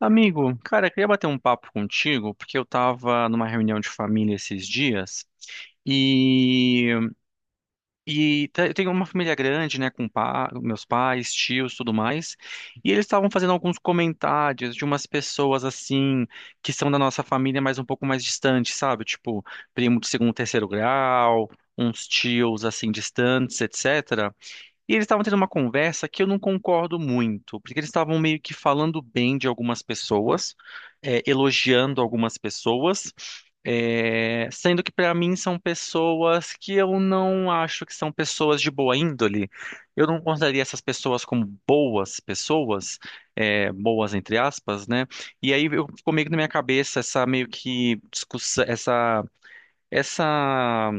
Amigo, cara, eu queria bater um papo contigo, porque eu tava numa reunião de família esses dias e, e eu tenho uma família grande, né, com meus pais, tios, tudo mais, e eles estavam fazendo alguns comentários de umas pessoas assim, que são da nossa família, mas um pouco mais distantes, sabe? Tipo, primo de segundo, terceiro grau, uns tios assim distantes, etc. E eles estavam tendo uma conversa que eu não concordo muito, porque eles estavam meio que falando bem de algumas pessoas, elogiando algumas pessoas, sendo que para mim são pessoas que eu não acho que são pessoas de boa índole. Eu não consideraria essas pessoas como boas pessoas, boas entre aspas, né? E aí eu, ficou meio que na minha cabeça essa meio que discussão, essa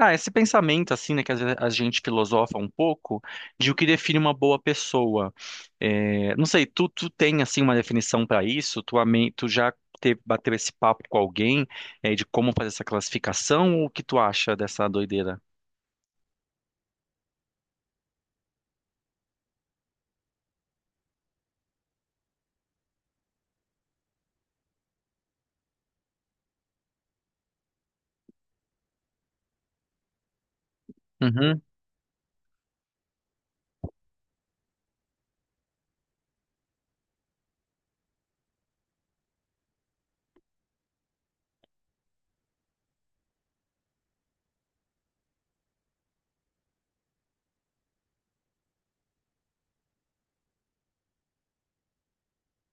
esse pensamento assim, né, que às vezes a gente filosofa um pouco de o que define uma boa pessoa. É, não sei, tu tem assim uma definição para isso? Tu já bateu esse papo com alguém, de como fazer essa classificação? Ou o que tu acha dessa doideira? Uhum,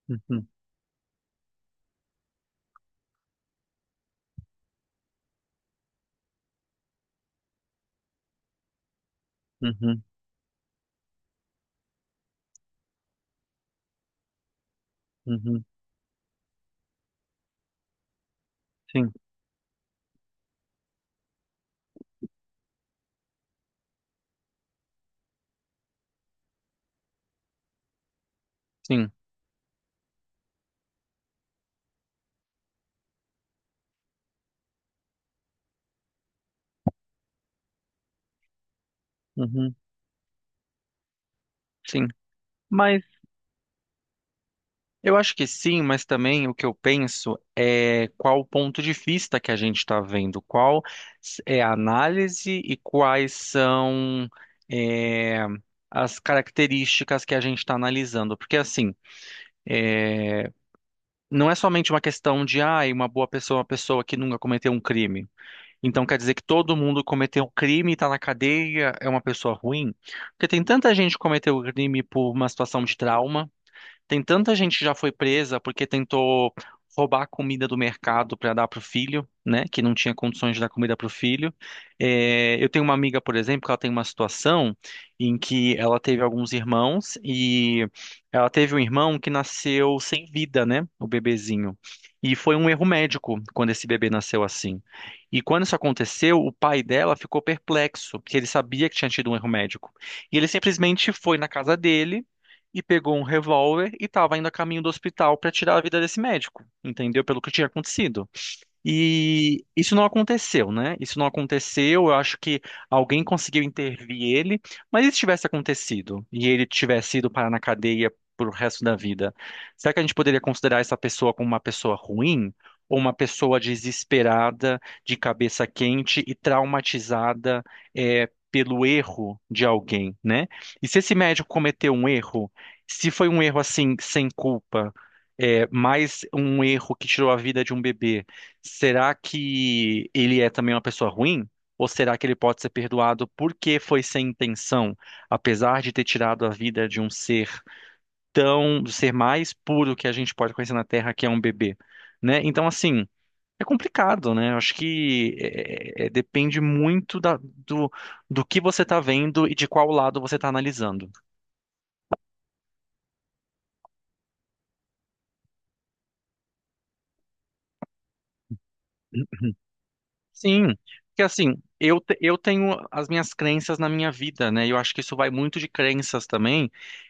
uhum, uhum, uhum, sim, sim, uhum, sim. Mas eu acho que sim, mas também o que eu penso é qual o ponto de vista que a gente está vendo, qual é a análise e quais são, é, as características que a gente está analisando. Porque assim, é, não é somente uma questão de, ah, uma boa pessoa é uma pessoa que nunca cometeu um crime. Então quer dizer que todo mundo cometeu um crime e está na cadeia é uma pessoa ruim? Porque tem tanta gente que cometeu crime por uma situação de trauma. Tem tanta gente que já foi presa porque tentou roubar a comida do mercado para dar para o filho, né? Que não tinha condições de dar comida para o filho. É, eu tenho uma amiga, por exemplo, que ela tem uma situação em que ela teve alguns irmãos e ela teve um irmão que nasceu sem vida, né? O bebezinho. E foi um erro médico quando esse bebê nasceu assim. E quando isso aconteceu, o pai dela ficou perplexo, porque ele sabia que tinha tido um erro médico. E ele simplesmente foi na casa dele e pegou um revólver e estava indo a caminho do hospital para tirar a vida desse médico, entendeu? Pelo que tinha acontecido. E isso não aconteceu, né? Isso não aconteceu. Eu acho que alguém conseguiu intervir ele. Mas e se tivesse acontecido e ele tivesse ido parar na cadeia pro resto da vida? Será que a gente poderia considerar essa pessoa como uma pessoa ruim? Ou uma pessoa desesperada, de cabeça quente e traumatizada, pelo erro de alguém, né? E se esse médico cometeu um erro, se foi um erro assim, sem culpa, mais um erro que tirou a vida de um bebê. Será que ele é também uma pessoa ruim? Ou será que ele pode ser perdoado porque foi sem intenção, apesar de ter tirado a vida de um ser tão, do ser mais puro que a gente pode conhecer na Terra, que é um bebê, né? Então, assim, é complicado, né? Eu acho que depende muito do, do que você está vendo e de qual lado você está analisando. Sim, porque assim, eu tenho as minhas crenças na minha vida, né? E eu acho que isso vai muito de crenças também.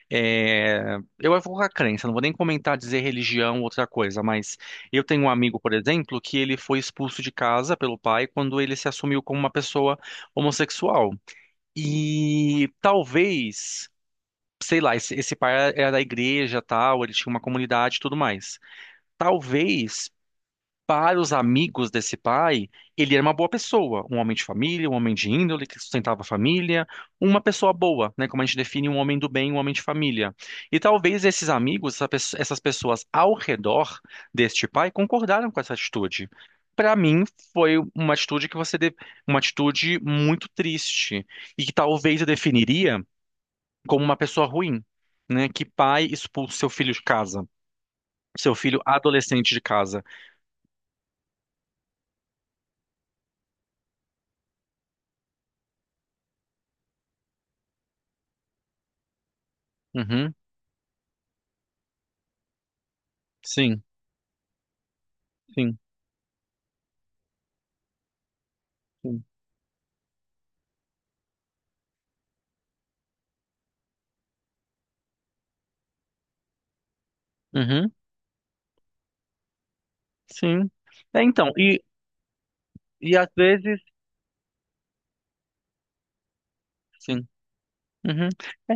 É, eu vou colocar crença, não vou nem comentar, dizer religião, outra coisa, mas eu tenho um amigo, por exemplo, que ele foi expulso de casa pelo pai quando ele se assumiu como uma pessoa homossexual. E talvez, sei lá, esse pai era da igreja, tal, ele tinha uma comunidade e tudo mais. Talvez para os amigos desse pai, ele era uma boa pessoa, um homem de família, um homem de índole que sustentava a família, uma pessoa boa, né? Como a gente define um homem do bem, um homem de família. E talvez esses amigos, essas pessoas ao redor deste pai concordaram com essa atitude. Para mim, foi uma atitude que você deve, uma atitude muito triste e que talvez eu definiria como uma pessoa ruim, né? Que pai expulsa seu filho de casa, seu filho adolescente de casa. Uhum, sim. Sim. Sim. Uhum, sim. É, então, e às vezes, sim. Uhum. É,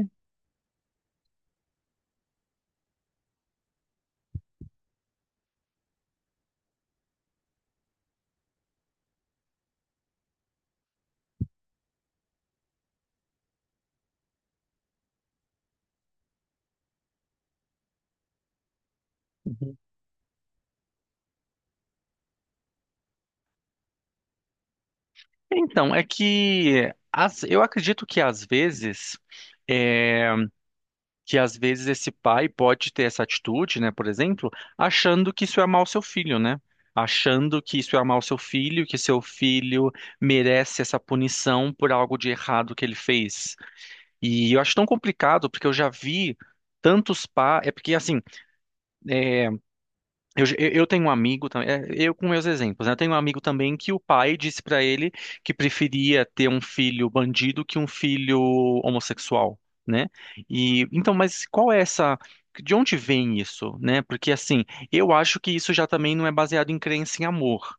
uhum. Então, é que as eu acredito que às vezes, é, que às vezes esse pai pode ter essa atitude, né, por exemplo, achando que isso é amar o seu filho, né? Achando que isso é amar o seu filho, que seu filho merece essa punição por algo de errado que ele fez. E eu acho tão complicado, porque eu já vi tantos pais. É porque, assim, é, eu tenho um amigo também, eu com meus exemplos, né? Eu tenho um amigo também que o pai disse pra ele que preferia ter um filho bandido que um filho homossexual, né? E então, mas qual é essa, de onde vem isso, né? Porque assim, eu acho que isso já também não é baseado em crença em amor.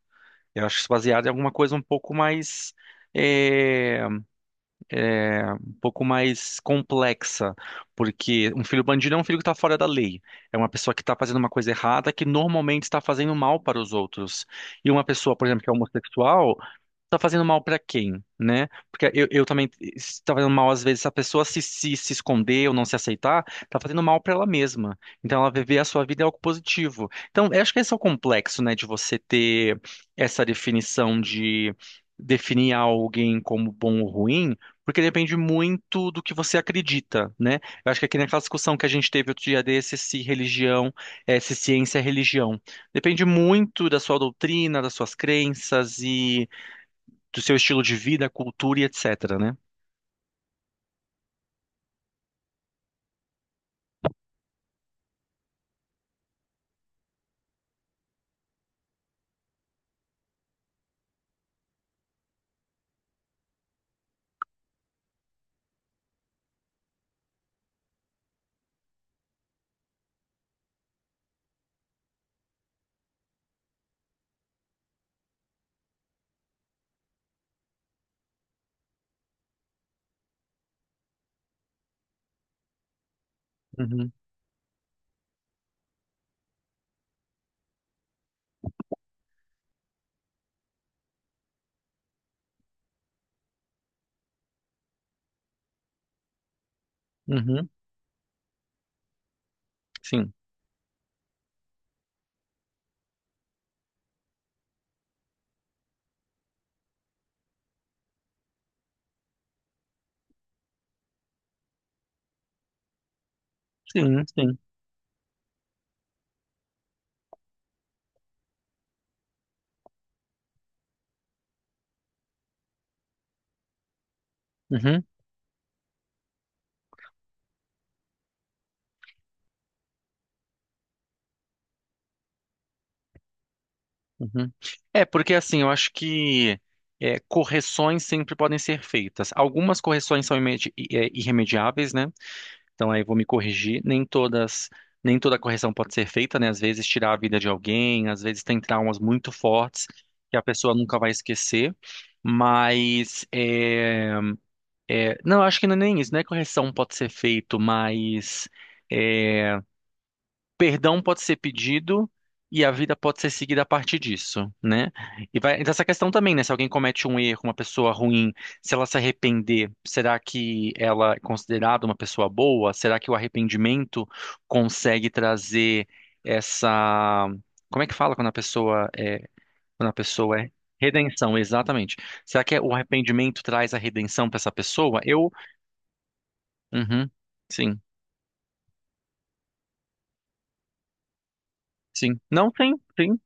Eu acho isso baseado em alguma coisa um pouco mais eh, um pouco mais complexa, porque um filho bandido é um filho que está fora da lei, é uma pessoa que está fazendo uma coisa errada que normalmente está fazendo mal para os outros. E uma pessoa, por exemplo, que é homossexual, tá fazendo mal pra quem, né? Porque eu também se tá fazendo mal às vezes, se a pessoa se esconder ou não se aceitar, tá fazendo mal pra ela mesma. Então ela viver a sua vida é algo positivo. Então, eu acho que esse é o complexo, né, de você ter essa definição de definir alguém como bom ou ruim. Porque depende muito do que você acredita, né? Eu acho que aqui naquela discussão que a gente teve outro dia desse, se religião, se ciência é religião. Depende muito da sua doutrina, das suas crenças e do seu estilo de vida, cultura e etc, né? Uhum, uhum, sim, sim, sim. Uhum, uhum. É, porque assim, eu acho que correções sempre podem ser feitas. Algumas correções são irremediáveis, né? Então aí eu vou me corrigir. Nem todas, nem toda correção pode ser feita, né? Às vezes tirar a vida de alguém, às vezes tem traumas muito fortes que a pessoa nunca vai esquecer. Mas é, é, não, eu acho que não é nem isso, né? Correção pode ser feito, mas é, perdão pode ser pedido e a vida pode ser seguida a partir disso, né? E vai então essa questão também, né? Se alguém comete um erro, uma pessoa ruim, se ela se arrepender, será que ela é considerada uma pessoa boa? Será que o arrependimento consegue trazer essa... Como é que fala quando a pessoa é... Quando a pessoa é... Redenção, exatamente. Será que é o arrependimento traz a redenção para essa pessoa? Eu uhum. Sim, sim. Não, sim, sim.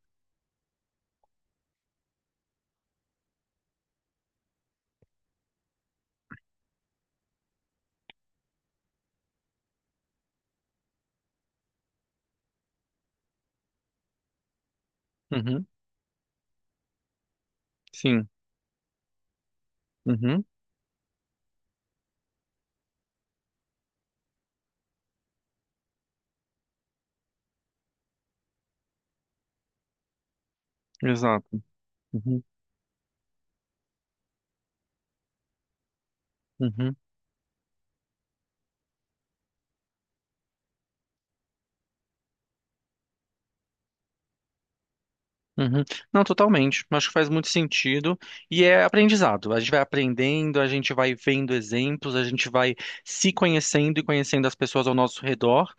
Uhum. Sim. Uhum. Exato. Uhum. Uhum. Uhum. Não, totalmente. Acho que faz muito sentido e é aprendizado. A gente vai aprendendo, a gente vai vendo exemplos, a gente vai se conhecendo e conhecendo as pessoas ao nosso redor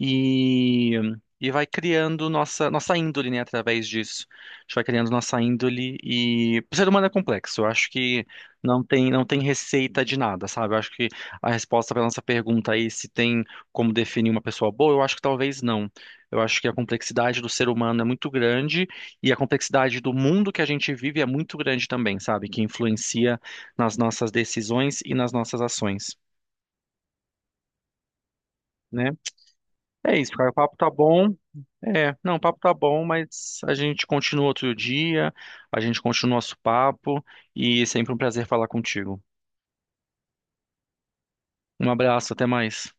e, e vai criando nossa índole, né, através disso. A gente vai criando nossa índole e o ser humano é complexo. Eu acho que não tem, não tem receita de nada, sabe? Eu acho que a resposta para nossa pergunta aí, se tem como definir uma pessoa boa, eu acho que talvez não. Eu acho que a complexidade do ser humano é muito grande e a complexidade do mundo que a gente vive é muito grande também, sabe? Que influencia nas nossas decisões e nas nossas ações, né? É isso, cara. O papo tá bom. É, não, o papo tá bom, mas a gente continua outro dia, a gente continua nosso papo e sempre um prazer falar contigo. Um abraço, até mais.